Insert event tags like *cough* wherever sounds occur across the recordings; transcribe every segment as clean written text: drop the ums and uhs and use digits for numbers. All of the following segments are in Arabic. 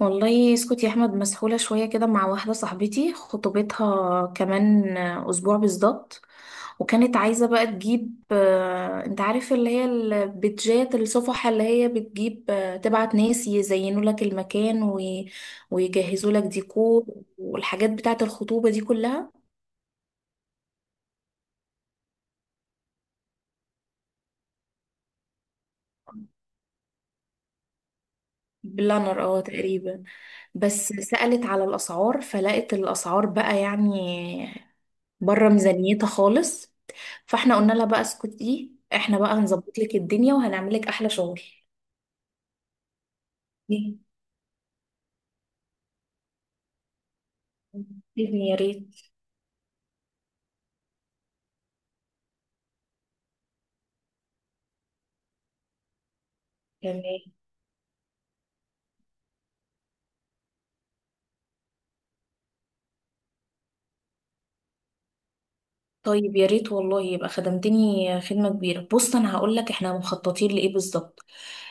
والله اسكت يا احمد، مسحولة شوية كده مع واحدة صاحبتي، خطوبتها كمان اسبوع بالظبط. وكانت عايزة بقى تجيب انت عارف اللي هي البيتجات الصفحة اللي هي بتجيب تبعت ناس يزينوا لك المكان ويجهزوا لك ديكور والحاجات بتاعة الخطوبة دي كلها. بلانر اه تقريبا. بس سألت على الأسعار فلقت الأسعار بقى يعني بره ميزانيتها خالص. فاحنا قلنا لها بقى اسكتي، احنا بقى هنظبط لك الدنيا وهنعمل لك احلى شغل *laughs* إيه؟ إذني يا ريت. تمام. طيب يا ريت والله، يبقى خدمتني خدمة كبيرة. بص انا هقول لك احنا مخططين لايه بالظبط.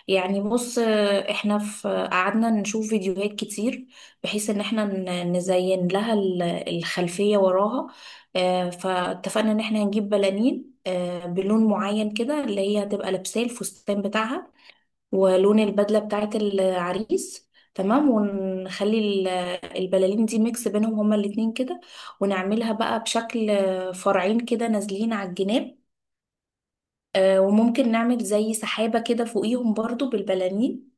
يعني بص، احنا في قعدنا نشوف فيديوهات كتير بحيث ان احنا نزين لها الخلفية وراها. فاتفقنا ان احنا هنجيب بلالين بلون معين كده اللي هي هتبقى لابساه الفستان بتاعها، ولون البدلة بتاعت العريس. تمام. ونخلي البلالين دي ميكس بينهم هما الاتنين كده، ونعملها بقى بشكل فرعين كده نازلين على الجناب. وممكن نعمل زي سحابة كده فوقيهم برضو بالبلالين.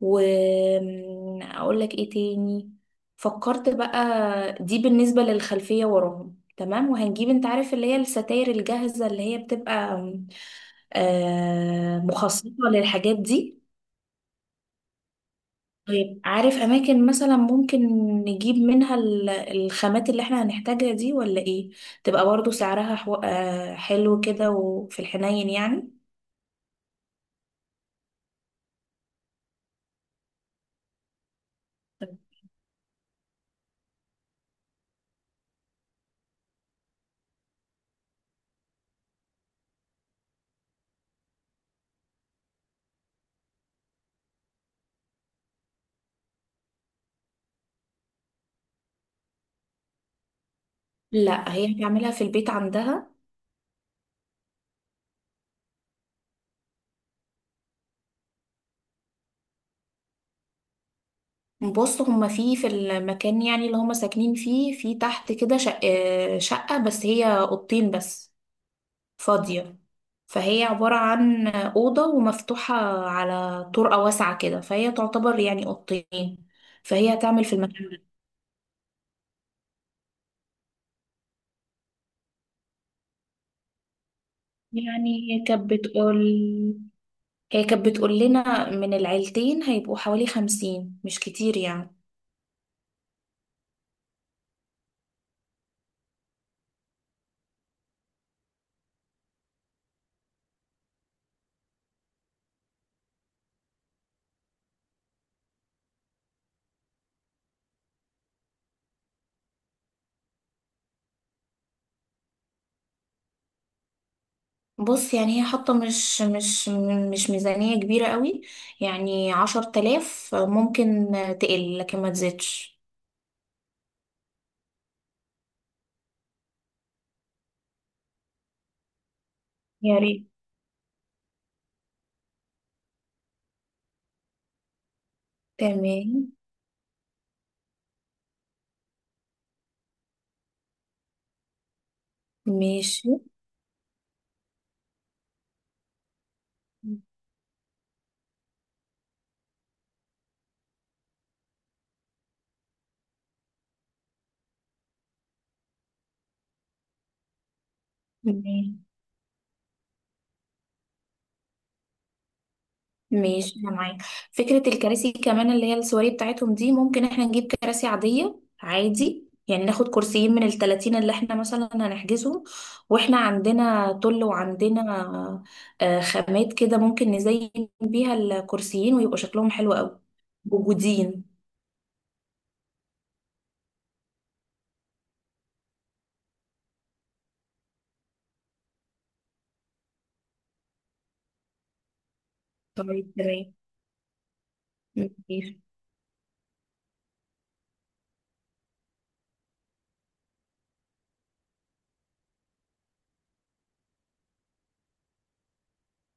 وأقول لك ايه تاني، فكرت بقى. دي بالنسبة للخلفية وراهم، تمام. وهنجيب انت عارف اللي هي الستاير الجاهزة اللي هي بتبقى مخصصة للحاجات دي. طيب، عارف اماكن مثلا ممكن نجيب منها الخامات اللي احنا هنحتاجها دي ولا ايه؟ تبقى برضو سعرها حو... آه، حلو كده وفي الحنين يعني. لا، هي بتعملها في البيت عندها. بص هما في المكان يعني اللي هما ساكنين فيه، في تحت كده شق... آه، شقة بس، هي أوضتين بس فاضية. فهي عبارة عن أوضة ومفتوحة على طرقة واسعة كده، فهي تعتبر يعني أوضتين. فهي هتعمل في المكان. يعني هي كانت بتقول، هي كانت بتقول لنا من العيلتين هيبقوا حوالي خمسين، مش كتير يعني. بص يعني هي حاطة مش ميزانية كبيرة قوي. يعني عشر تلاف ممكن تقل، لكن ما تزيدش. يا ريت. تمام. ماشي ماشي انا معاك. فكره الكراسي كمان اللي هي السواري بتاعتهم دي، ممكن احنا نجيب كراسي عاديه عادي يعني، ناخد كرسيين من التلاتين اللي احنا مثلا هنحجزهم. واحنا عندنا طل وعندنا خامات كده ممكن نزين بيها الكرسيين ويبقوا شكلهم حلو قوي. موجودين. طيب تمام ماشي.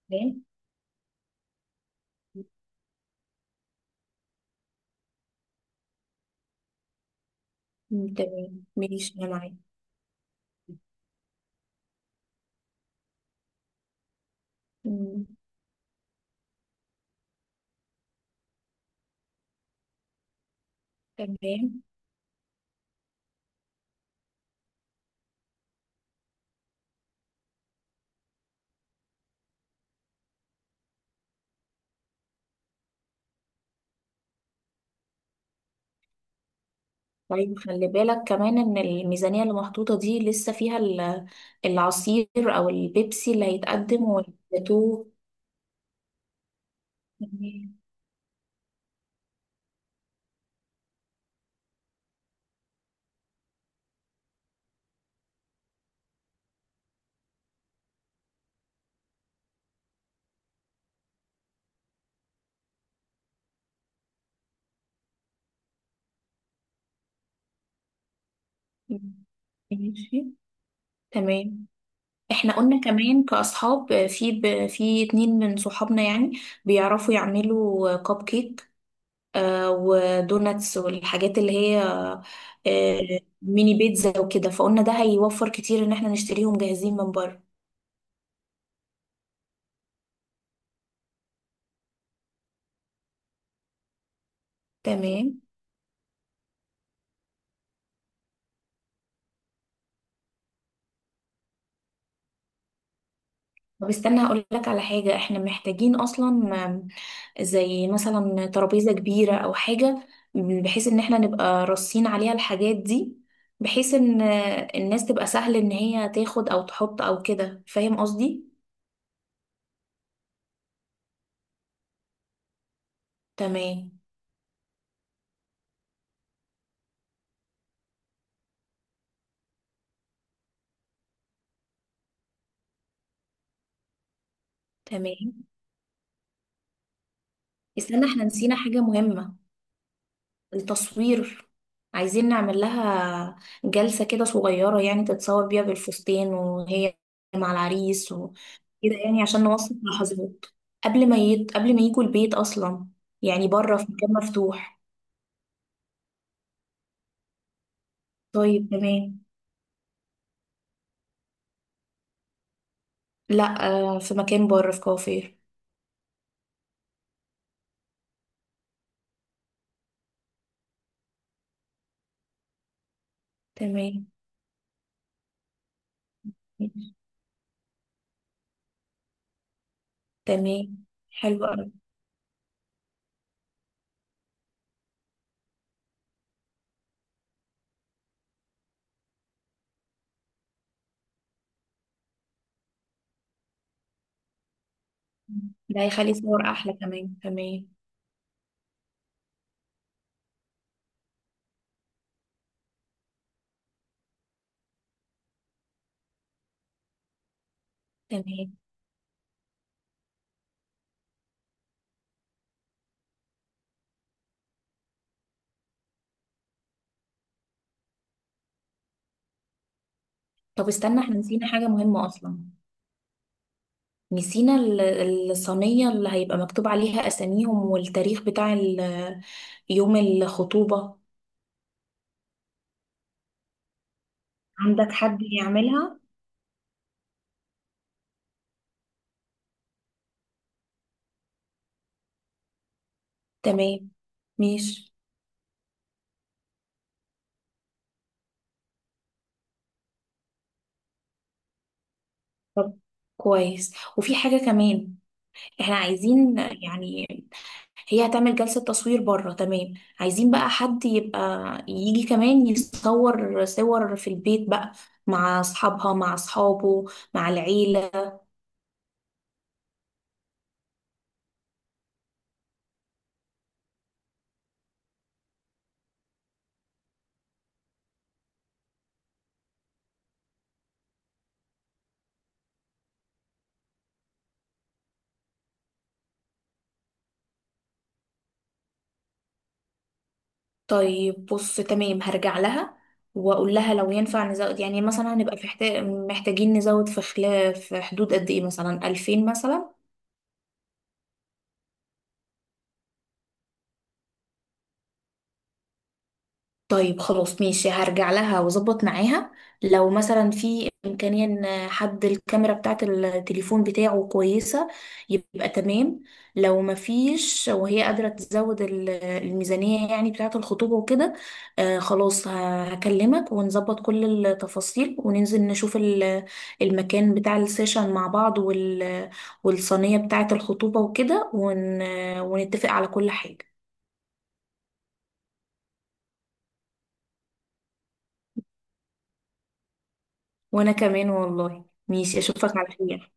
تمام. تمام ماشي انا معاك. مم، تمام. طيب خلي بالك كمان ان الميزانية اللي محطوطة دي لسه فيها العصير او البيبسي اللي هيتقدم والجاتوه. تمام. ماشي. تمام. احنا قلنا كمان كأصحاب في اتنين من صحابنا يعني بيعرفوا يعملوا كب كيك، ودوناتس والحاجات اللي هي ميني بيتزا وكده، فقلنا ده هيوفر كتير ان احنا نشتريهم جاهزين من بره. تمام. طب استنى هقول لك على حاجة احنا محتاجين اصلا، زي مثلا ترابيزة كبيرة أو حاجة، بحيث إن احنا نبقى راصين عليها الحاجات دي، بحيث إن الناس تبقى سهل إن هي تاخد أو تحط أو كده. فاهم قصدي؟ تمام. تمام. استنى، احنا نسينا حاجة مهمة: التصوير. عايزين نعمل لها جلسة كده صغيرة يعني تتصور بيها بالفستان، وهي مع العريس وكده. يعني عشان نوثق لحظات قبل ما قبل ما يجوا البيت أصلا، يعني بره في مكان مفتوح. طيب تمام. لا، في مكان بره في كافيه. تمام. تمام. حلو قوي. ده هيخلي صور احلى كمان. تمام. تمام. طب استنى، احنا نسينا حاجة مهمة اصلا، نسينا الصينية اللي هيبقى مكتوب عليها اساميهم والتاريخ بتاع يوم الخطوبة. عندك حد يعملها؟ تمام ماشي. طب كويس. وفي حاجة كمان، احنا عايزين يعني هي هتعمل جلسة تصوير بره، تمام، عايزين بقى حد يبقى يجي كمان يصور صور في البيت بقى، مع اصحابها مع اصحابه مع العيلة. طيب بص تمام، هرجع لها واقول لها لو ينفع نزود، يعني مثلا هنبقى في محتاجين نزود، في خلاف في حدود قد ايه، مثلا 2000 مثلا. طيب خلاص ماشي، هرجع لها واظبط معاها لو مثلا في امكانيه ان حد الكاميرا بتاعه التليفون بتاعه كويسه، يبقى تمام. لو ما فيش، وهي قادره تزود الميزانيه يعني بتاعه الخطوبه وكده، آه خلاص هكلمك ونظبط كل التفاصيل، وننزل نشوف المكان بتاع السيشن مع بعض، والصينيه بتاعه الخطوبه وكده ونتفق على كل حاجه. وانا كمان والله، ماشي، اشوفك على خير.